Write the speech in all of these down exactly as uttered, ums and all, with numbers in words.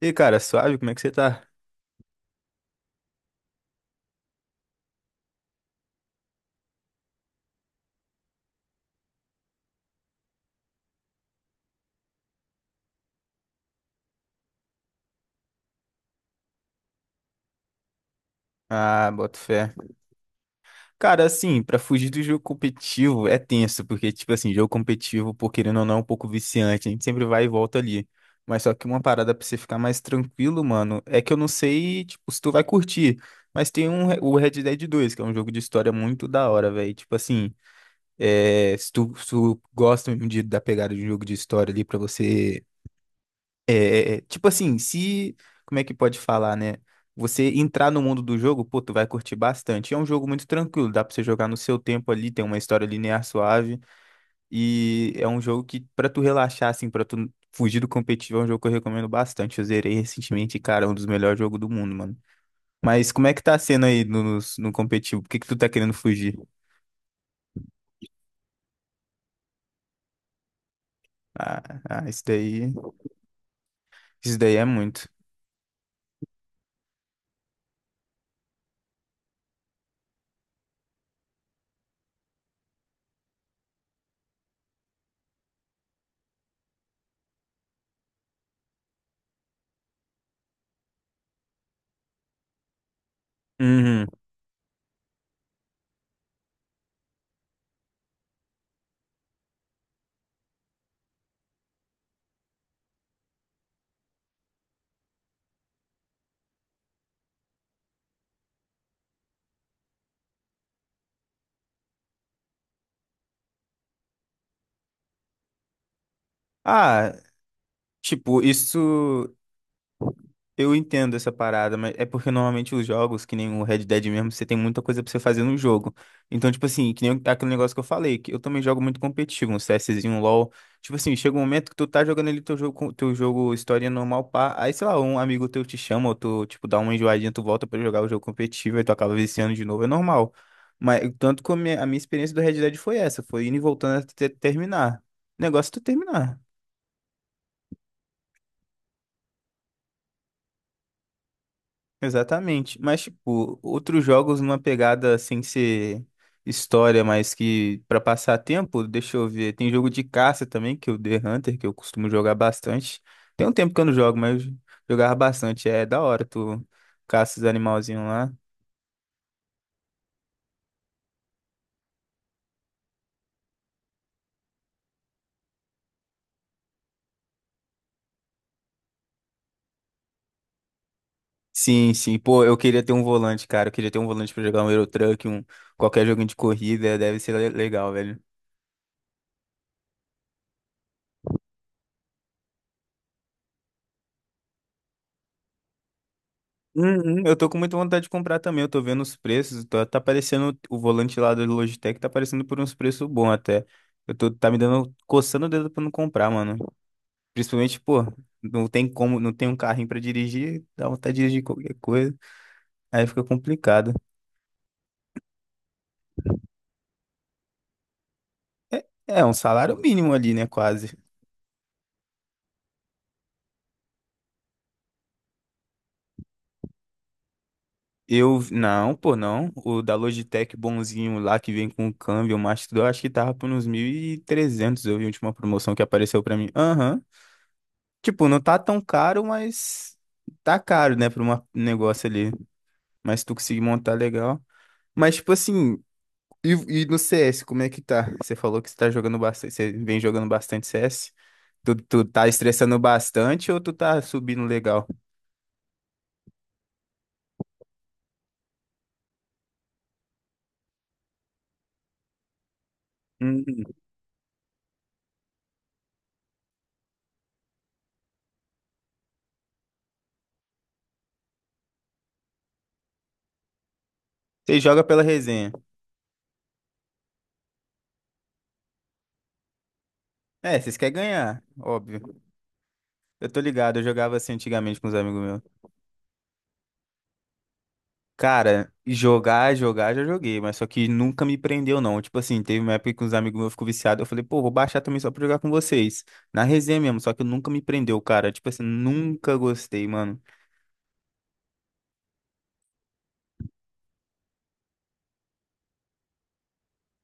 E cara, suave, como é que você tá? Ah, boto fé. Cara, assim, pra fugir do jogo competitivo é tenso, porque, tipo assim, jogo competitivo, por querendo ou não, é um pouco viciante, a gente sempre vai e volta ali. Mas só que uma parada pra você ficar mais tranquilo, mano, é que eu não sei, tipo, se tu vai curtir. Mas tem um, Re- o Red Dead dois, que é um jogo de história muito da hora, velho. Tipo assim, é, se tu, se tu gosta de, da pegada de um jogo de história ali pra você. É, é, tipo assim, se. Como é que pode falar, né? Você entrar no mundo do jogo, pô, tu vai curtir bastante. É um jogo muito tranquilo, dá pra você jogar no seu tempo ali, tem uma história linear suave. E é um jogo que, pra tu relaxar, assim, pra tu fugir do competitivo, é um jogo que eu recomendo bastante. Eu zerei recentemente, e, cara, é um dos melhores jogos do mundo, mano. Mas como é que tá sendo aí no, no, no competitivo? Por que que tu tá querendo fugir? Ah, ah, isso daí. Isso daí é muito. Uhum. Ah, tipo, isso. Eu entendo essa parada, mas é porque normalmente os jogos, que nem o Red Dead mesmo, você tem muita coisa pra você fazer no jogo. Então, tipo assim, que nem aquele negócio que eu falei, que eu também jogo muito competitivo, um CSzinho, um LoL. Tipo assim, chega um momento que tu tá jogando ali teu jogo, com- teu jogo história normal, pá. Aí, sei lá, um amigo teu te chama, ou tu, tipo, dá uma enjoadinha, tu volta pra jogar o jogo competitivo, aí tu acaba viciando de novo, é normal. Mas tanto que a minha, a minha experiência do Red Dead foi essa, foi indo e voltando até terminar. O negócio é tu terminar. Exatamente. Mas, tipo, outros jogos numa pegada sem ser história, mas que pra passar tempo, deixa eu ver. Tem jogo de caça também, que é o The Hunter, que eu costumo jogar bastante. Tem um tempo que eu não jogo, mas eu jogava bastante. É da hora, tu caça os animalzinhos lá. Sim, sim. Pô, eu queria ter um volante, cara. Eu queria ter um volante pra jogar um Euro Truck, um qualquer joguinho de corrida, deve ser le- legal, velho. Uhum, eu tô com muita vontade de comprar também. Eu tô vendo os preços. Tá, tá parecendo o volante lá do Logitech, tá aparecendo por uns preços bons até. Eu tô, tá me dando, coçando o dedo pra não comprar, mano. Principalmente, pô, não tem como, não tem um carrinho pra dirigir, dá vontade de dirigir qualquer coisa. Aí fica complicado. É, é um salário mínimo ali, né? Quase. Eu, não, pô, não. O da Logitech bonzinho lá que vem com o câmbio, o Master, eu acho que tava por uns mil e trezentos. Eu vi a última promoção que apareceu pra mim. Aham. Tipo, não tá tão caro, mas tá caro, né, pra uma- um negócio ali. Mas se tu conseguir montar legal. Mas, tipo assim, e, e no C S, como é que tá? Você falou que você tá jogando bastante, você vem jogando bastante C S. Tu, tu tá estressando bastante ou tu tá subindo legal? Hum, você joga pela resenha. É, vocês querem ganhar, óbvio. Eu tô ligado, eu jogava assim antigamente com os amigos meus. Cara, jogar, jogar, já joguei, mas só que nunca me prendeu, não. Tipo assim, teve uma época que uns amigos meus ficou viciado, eu falei, pô, vou baixar também só pra jogar com vocês. Na resenha mesmo, só que nunca me prendeu, cara. Tipo assim, nunca gostei, mano.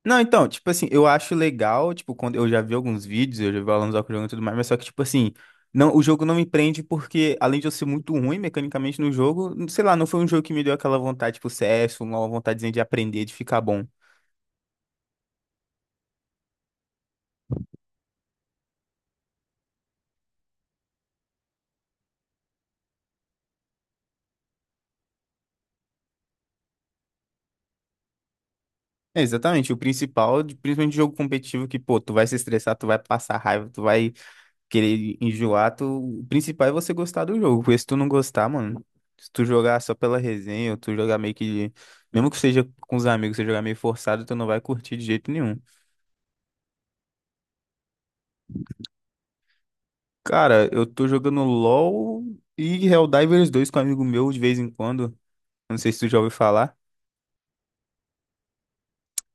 Não, então, tipo assim, eu acho legal, tipo, quando eu já vi alguns vídeos, eu já vi alunos jogando e tudo mais, mas só que, tipo assim, não, o jogo não me prende porque, além de eu ser muito ruim mecanicamente no jogo, sei lá, não foi um jogo que me deu aquela vontade, tipo, C S, uma vontadezinha de aprender, de ficar bom. É, exatamente, o principal, de- principalmente de jogo competitivo, que, pô, tu vai se estressar, tu vai passar raiva, tu vai querer enjoar, tu... O principal é você gostar do jogo, porque se tu não gostar, mano, se tu jogar só pela resenha, ou tu jogar meio que, mesmo que seja com os amigos, você jogar meio forçado, tu não vai curtir de jeito nenhum. Cara, eu tô jogando LoL e Helldivers dois com um amigo meu de vez em quando, não sei se tu já ouviu falar.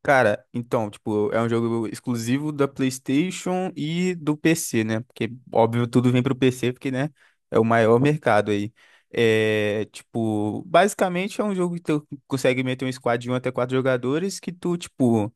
Cara, então, tipo, é um jogo exclusivo da PlayStation e do P C, né? Porque, óbvio, tudo vem pro P C, porque, né, é o maior mercado aí. É, tipo, basicamente é um jogo que tu consegue meter um squad de um até quatro jogadores que tu, tipo,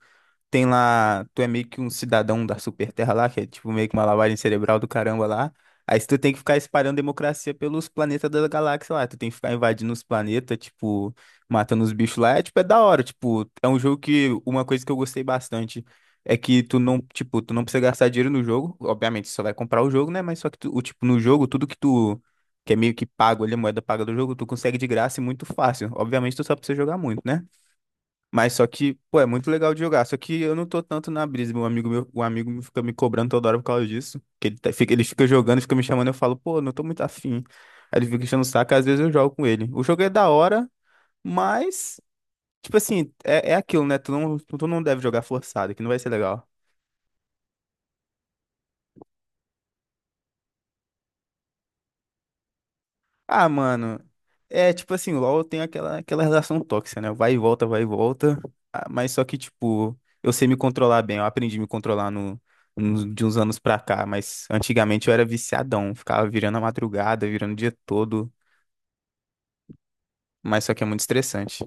tem lá, tu é meio que um cidadão da Superterra lá, que é tipo meio que uma lavagem cerebral do caramba lá. Aí tu tem que ficar espalhando democracia pelos planetas da galáxia lá. Tu tem que ficar invadindo os planetas, tipo, matando os bichos lá. É tipo, é da hora. Tipo, é um jogo que uma coisa que eu gostei bastante é que tu não, tipo, tu não precisa gastar dinheiro no jogo. Obviamente, tu só vai comprar o jogo, né? Mas só que tu, o tipo, no jogo, tudo que tu que é meio que pago ali, a moeda paga do jogo, tu consegue de graça e muito fácil. Obviamente, tu só precisa jogar muito, né? Mas só que, pô, é muito legal de jogar. Só que eu não tô tanto na brisa. Meu amigo, meu, um amigo me fica me cobrando toda hora por causa disso. Que ele, tá- fica, ele fica jogando, fica me chamando, eu falo, pô, não tô muito afim. Aí ele fica enchendo o saco, às vezes eu jogo com ele. O jogo é da hora, mas, tipo assim, é, é aquilo, né? Tu não, tu não deve jogar forçado, que não vai ser legal. Ah, mano, é tipo assim, o LoL tem aquela, aquela relação tóxica, né? Vai e volta, vai e volta. Ah, mas só que, tipo, eu sei me controlar bem. Eu aprendi a me controlar no, nos- de uns anos pra cá. Mas antigamente eu era viciadão. Ficava virando a madrugada, virando o dia todo. Mas só que é muito estressante.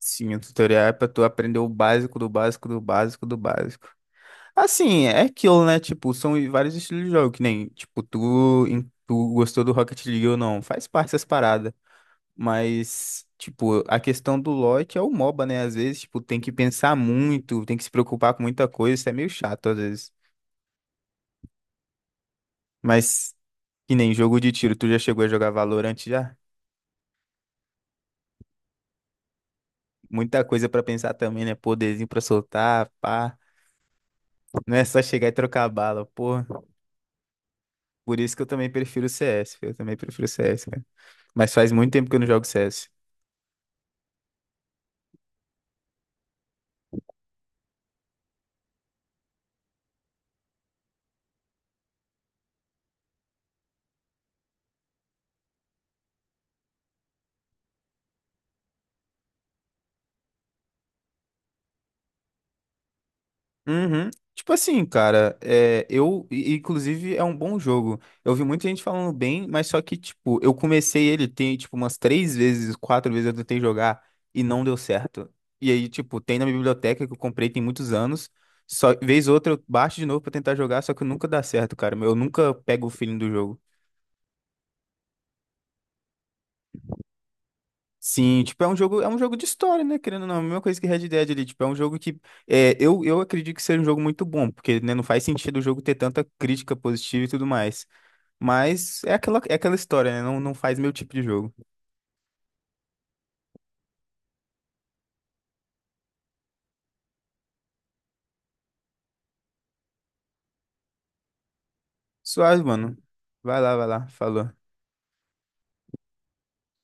Sim, o tutorial é pra tu aprender o básico do básico do básico do básico. Assim, é aquilo, né? Tipo, são vários estilos de jogo, que nem, tipo, tu, em- tu gostou do Rocket League ou não. Faz parte dessas paradas. Mas, tipo, a questão do lote é o moba, né? Às vezes, tipo, tem que pensar muito, tem que se preocupar com muita coisa, isso é meio chato às vezes. Mas, que nem jogo de tiro, tu já chegou a jogar Valorant já? Muita coisa pra pensar também, né? Poderzinho pra soltar, pá. Não é só chegar e trocar bala, pô. Por isso que eu também prefiro o C S, eu também prefiro o C S, cara. Mas faz muito tempo que eu não jogo C S. Uhum. Tipo assim, cara, é, eu, i- inclusive, é um bom jogo. Eu vi muita gente falando bem, mas só que, tipo, eu comecei ele tem, tipo, umas três vezes, quatro vezes eu tentei jogar e não deu certo. E aí, tipo, tem na biblioteca que eu comprei tem muitos anos. Só vez ou outra eu baixo de novo pra tentar jogar, só que nunca dá certo, cara. Eu nunca pego o feeling do jogo. Sim, tipo, é um jogo, é um jogo de história, né? Querendo ou não, é a mesma coisa que Red Dead ali, tipo, é um jogo que é, eu, eu acredito que seja um jogo muito bom, porque né, não faz sentido o jogo ter tanta crítica positiva e tudo mais. Mas é aquela, é aquela história, né? Não, não faz meu tipo de jogo. Suave, mano. Vai lá, vai lá. Falou.